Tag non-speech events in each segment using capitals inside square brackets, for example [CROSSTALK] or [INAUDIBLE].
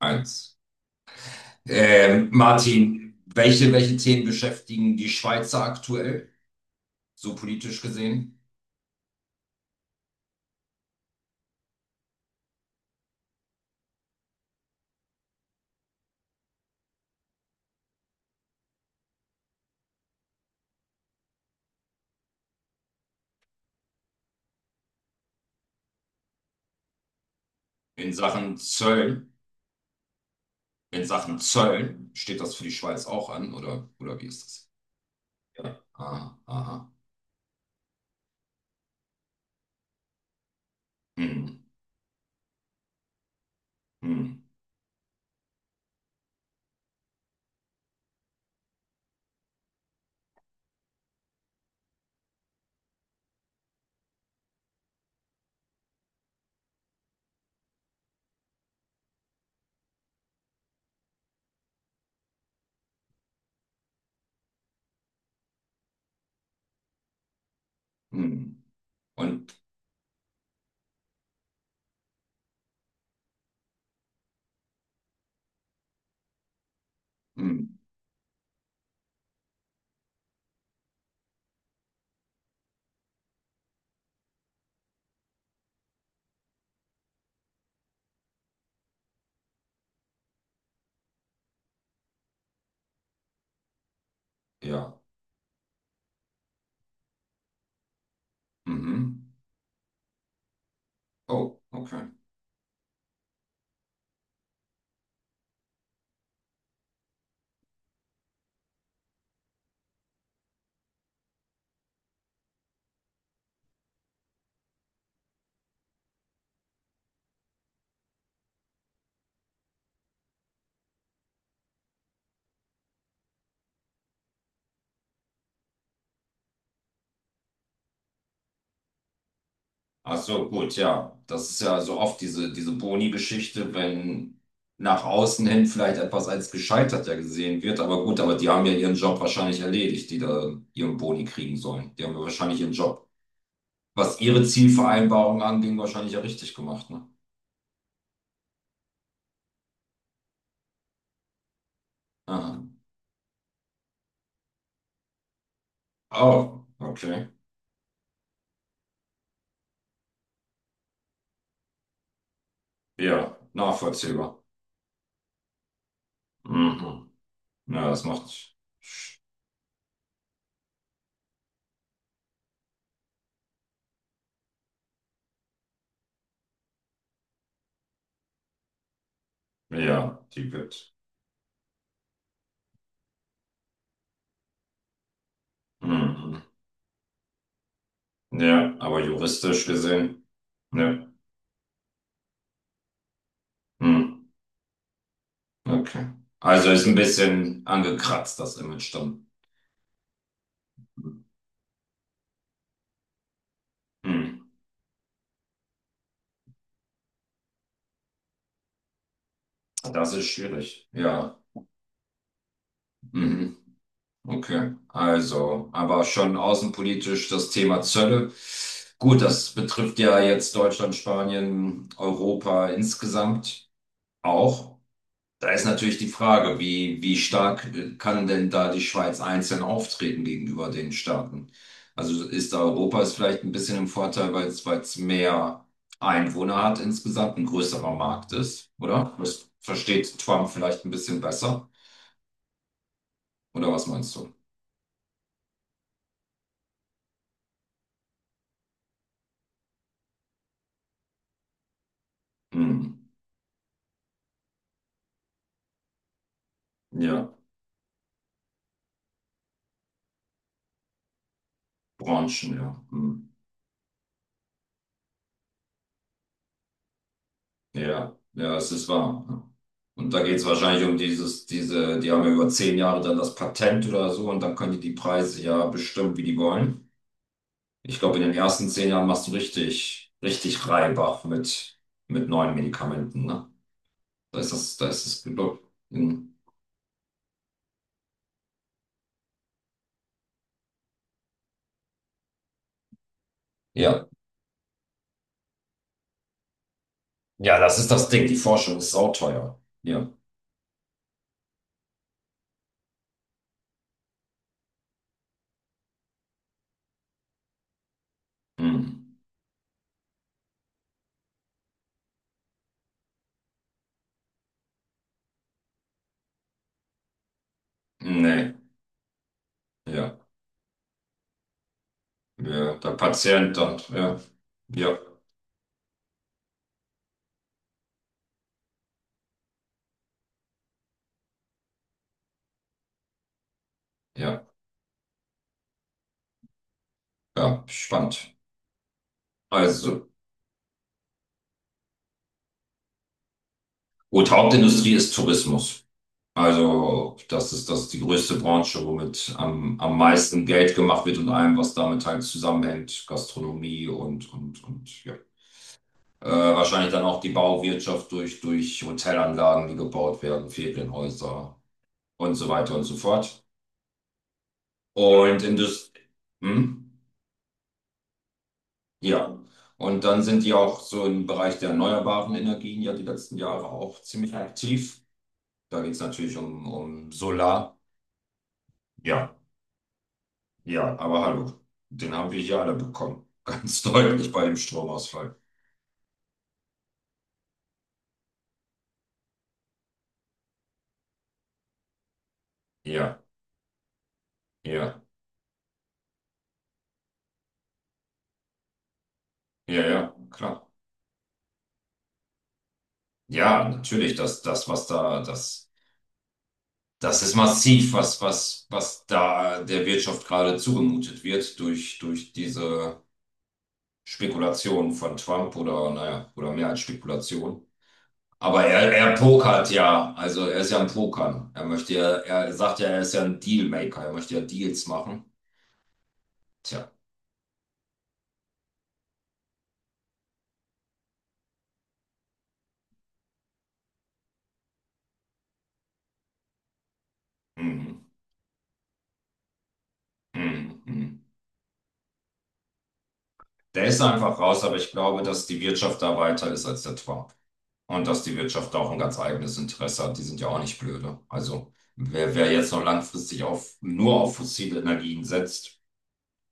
Eins. Martin, welche Themen beschäftigen die Schweizer aktuell, so politisch gesehen? In Sachen Zöllen, in Sachen Zöllen, steht das für die Schweiz auch an, oder wie ist das? Ja. Aha, aha. Hm, hm, hm. Und, hm, ja. Mhm. Oh, okay. Ach so, gut, ja. Das ist ja so oft diese Boni-Geschichte, wenn nach außen hin vielleicht etwas als gescheitert ja gesehen wird. Aber gut, aber die haben ja ihren Job wahrscheinlich erledigt, die da ihren Boni kriegen sollen. Die haben ja wahrscheinlich ihren Job, was ihre Zielvereinbarung anging, wahrscheinlich ja richtig gemacht, ne? Aha. Oh, okay. Ja, nachvollziehbar. Mhm. Ja, das macht, ja, die wird. Mhm. Ja, aber juristisch gesehen, ne. Mhm. Okay. Also ist ein bisschen angekratzt, das Image dann. Hm. Das ist schwierig. Ja. Mhm. Okay. Also, aber schon außenpolitisch das Thema Zölle. Gut, das betrifft ja jetzt Deutschland, Spanien, Europa insgesamt auch. Da ist natürlich die Frage, wie stark kann denn da die Schweiz einzeln auftreten gegenüber den Staaten? Also ist da Europa ist vielleicht ein bisschen im Vorteil, weil es mehr Einwohner hat insgesamt, ein größerer Markt ist, oder? Das versteht Trump vielleicht ein bisschen besser, oder was meinst du? Hm. Ja, Branchen, ja. Hm. Ja, ja, es ist wahr, ja. Und da geht es wahrscheinlich um diese, die haben ja über 10 Jahre dann das Patent oder so und dann können die die Preise ja bestimmen, wie die wollen. Ich glaube, in den ersten 10 Jahren machst du richtig, richtig Reibach mit neuen Medikamenten, ne? Da ist das Glück. In, ja. Ja, das ist das Ding. Die Forschung ist sauteuer. Ja. Hm. Nee. Ja. Ja. Der Patient dann. Ja. Ja. Ja. Ja. Spannend. Also, gut, Hauptindustrie ist Tourismus. Also, das ist die größte Branche, womit am meisten Geld gemacht wird und allem, was damit halt zusammenhängt. Gastronomie und, ja. Wahrscheinlich dann auch die Bauwirtschaft durch Hotelanlagen, die gebaut werden, Ferienhäuser und so weiter und so fort. Und Indust hm? Ja. Und dann sind die auch so im Bereich der erneuerbaren Energien ja die letzten Jahre auch ziemlich aktiv. Da geht es natürlich um, um Solar. Ja, ja, aber hallo, den haben wir hier alle bekommen. Ganz [LAUGHS] deutlich bei dem Stromausfall. Ja, ja, ja, ja, klar. Ja, natürlich, das. Das ist massiv, was da der Wirtschaft gerade zugemutet wird durch diese Spekulation von Trump oder, naja, oder mehr als Spekulation. Aber er pokert ja, also er ist ja ein Pokern. Er möchte ja, er sagt ja, er ist ja ein Dealmaker, er möchte ja Deals machen. Tja, mhm. Mhm. Mhm. Der ist einfach raus, aber ich glaube, dass die Wirtschaft da weiter ist als der Trump. Und dass die Wirtschaft da auch ein ganz eigenes Interesse hat, die sind ja auch nicht blöde. Also wer jetzt noch langfristig nur auf fossile Energien setzt,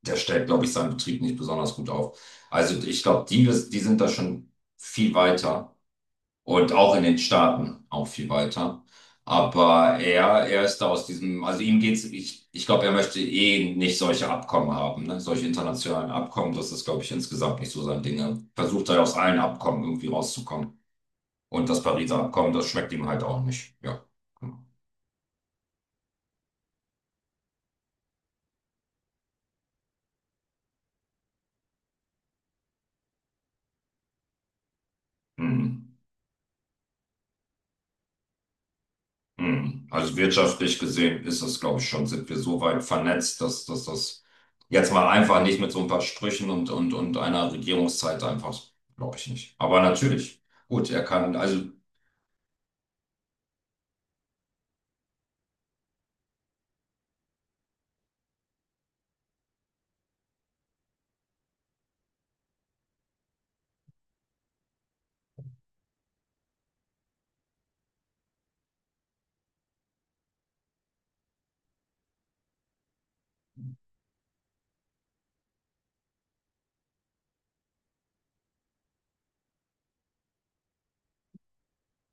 der stellt, glaube ich, seinen Betrieb nicht besonders gut auf. Also ich glaube, die sind da schon viel weiter und auch in den Staaten auch viel weiter. Aber er ist da aus diesem, also ihm geht's, ich glaube, er möchte eh nicht solche Abkommen haben, ne? Solche internationalen Abkommen, das ist, glaube ich, insgesamt nicht so sein Ding. Er versucht halt aus allen Abkommen irgendwie rauszukommen. Und das Pariser Abkommen, das schmeckt ihm halt auch nicht. Ja. Hm. Hm. Also wirtschaftlich gesehen ist das, glaube ich, schon, sind wir so weit vernetzt, dass das jetzt mal einfach nicht mit so ein paar Sprüchen und, und einer Regierungszeit einfach, glaube ich nicht. Aber natürlich, gut, er kann, also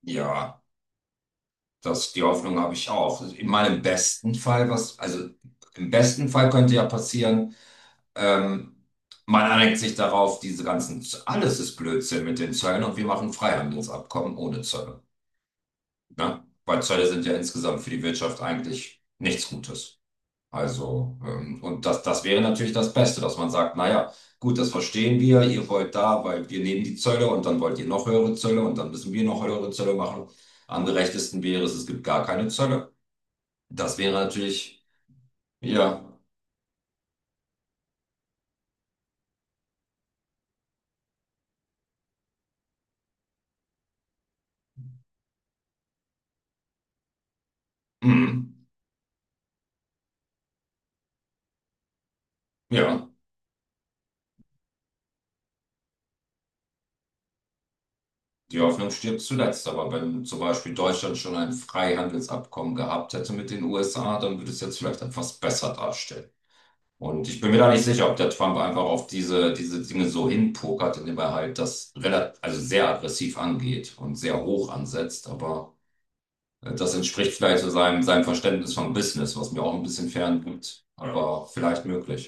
ja, die Hoffnung habe ich auch. In meinem besten Fall, was, also im besten Fall könnte ja passieren, Ähm, man einigt sich darauf, diese ganzen, alles ist Blödsinn mit den Zöllen und wir machen Freihandelsabkommen ohne Zölle. Ne? Weil Zölle sind ja insgesamt für die Wirtschaft eigentlich nichts Gutes. Also, und das wäre natürlich das Beste, dass man sagt, naja, gut, das verstehen wir, ihr wollt da, weil wir nehmen die Zölle und dann wollt ihr noch höhere Zölle und dann müssen wir noch höhere Zölle machen. Am gerechtesten wäre es, es gibt gar keine Zölle. Das wäre natürlich, ja, mm, ja. Die Hoffnung stirbt zuletzt, aber wenn zum Beispiel Deutschland schon ein Freihandelsabkommen gehabt hätte mit den USA, dann würde es jetzt vielleicht etwas besser darstellen. Und ich bin mir da nicht sicher, ob der Trump einfach auf diese Dinge so hinpokert, indem er halt das relativ, also sehr aggressiv angeht und sehr hoch ansetzt. Aber das entspricht vielleicht so seinem Verständnis von Business, was mir auch ein bisschen fern gibt, ja. Aber vielleicht möglich.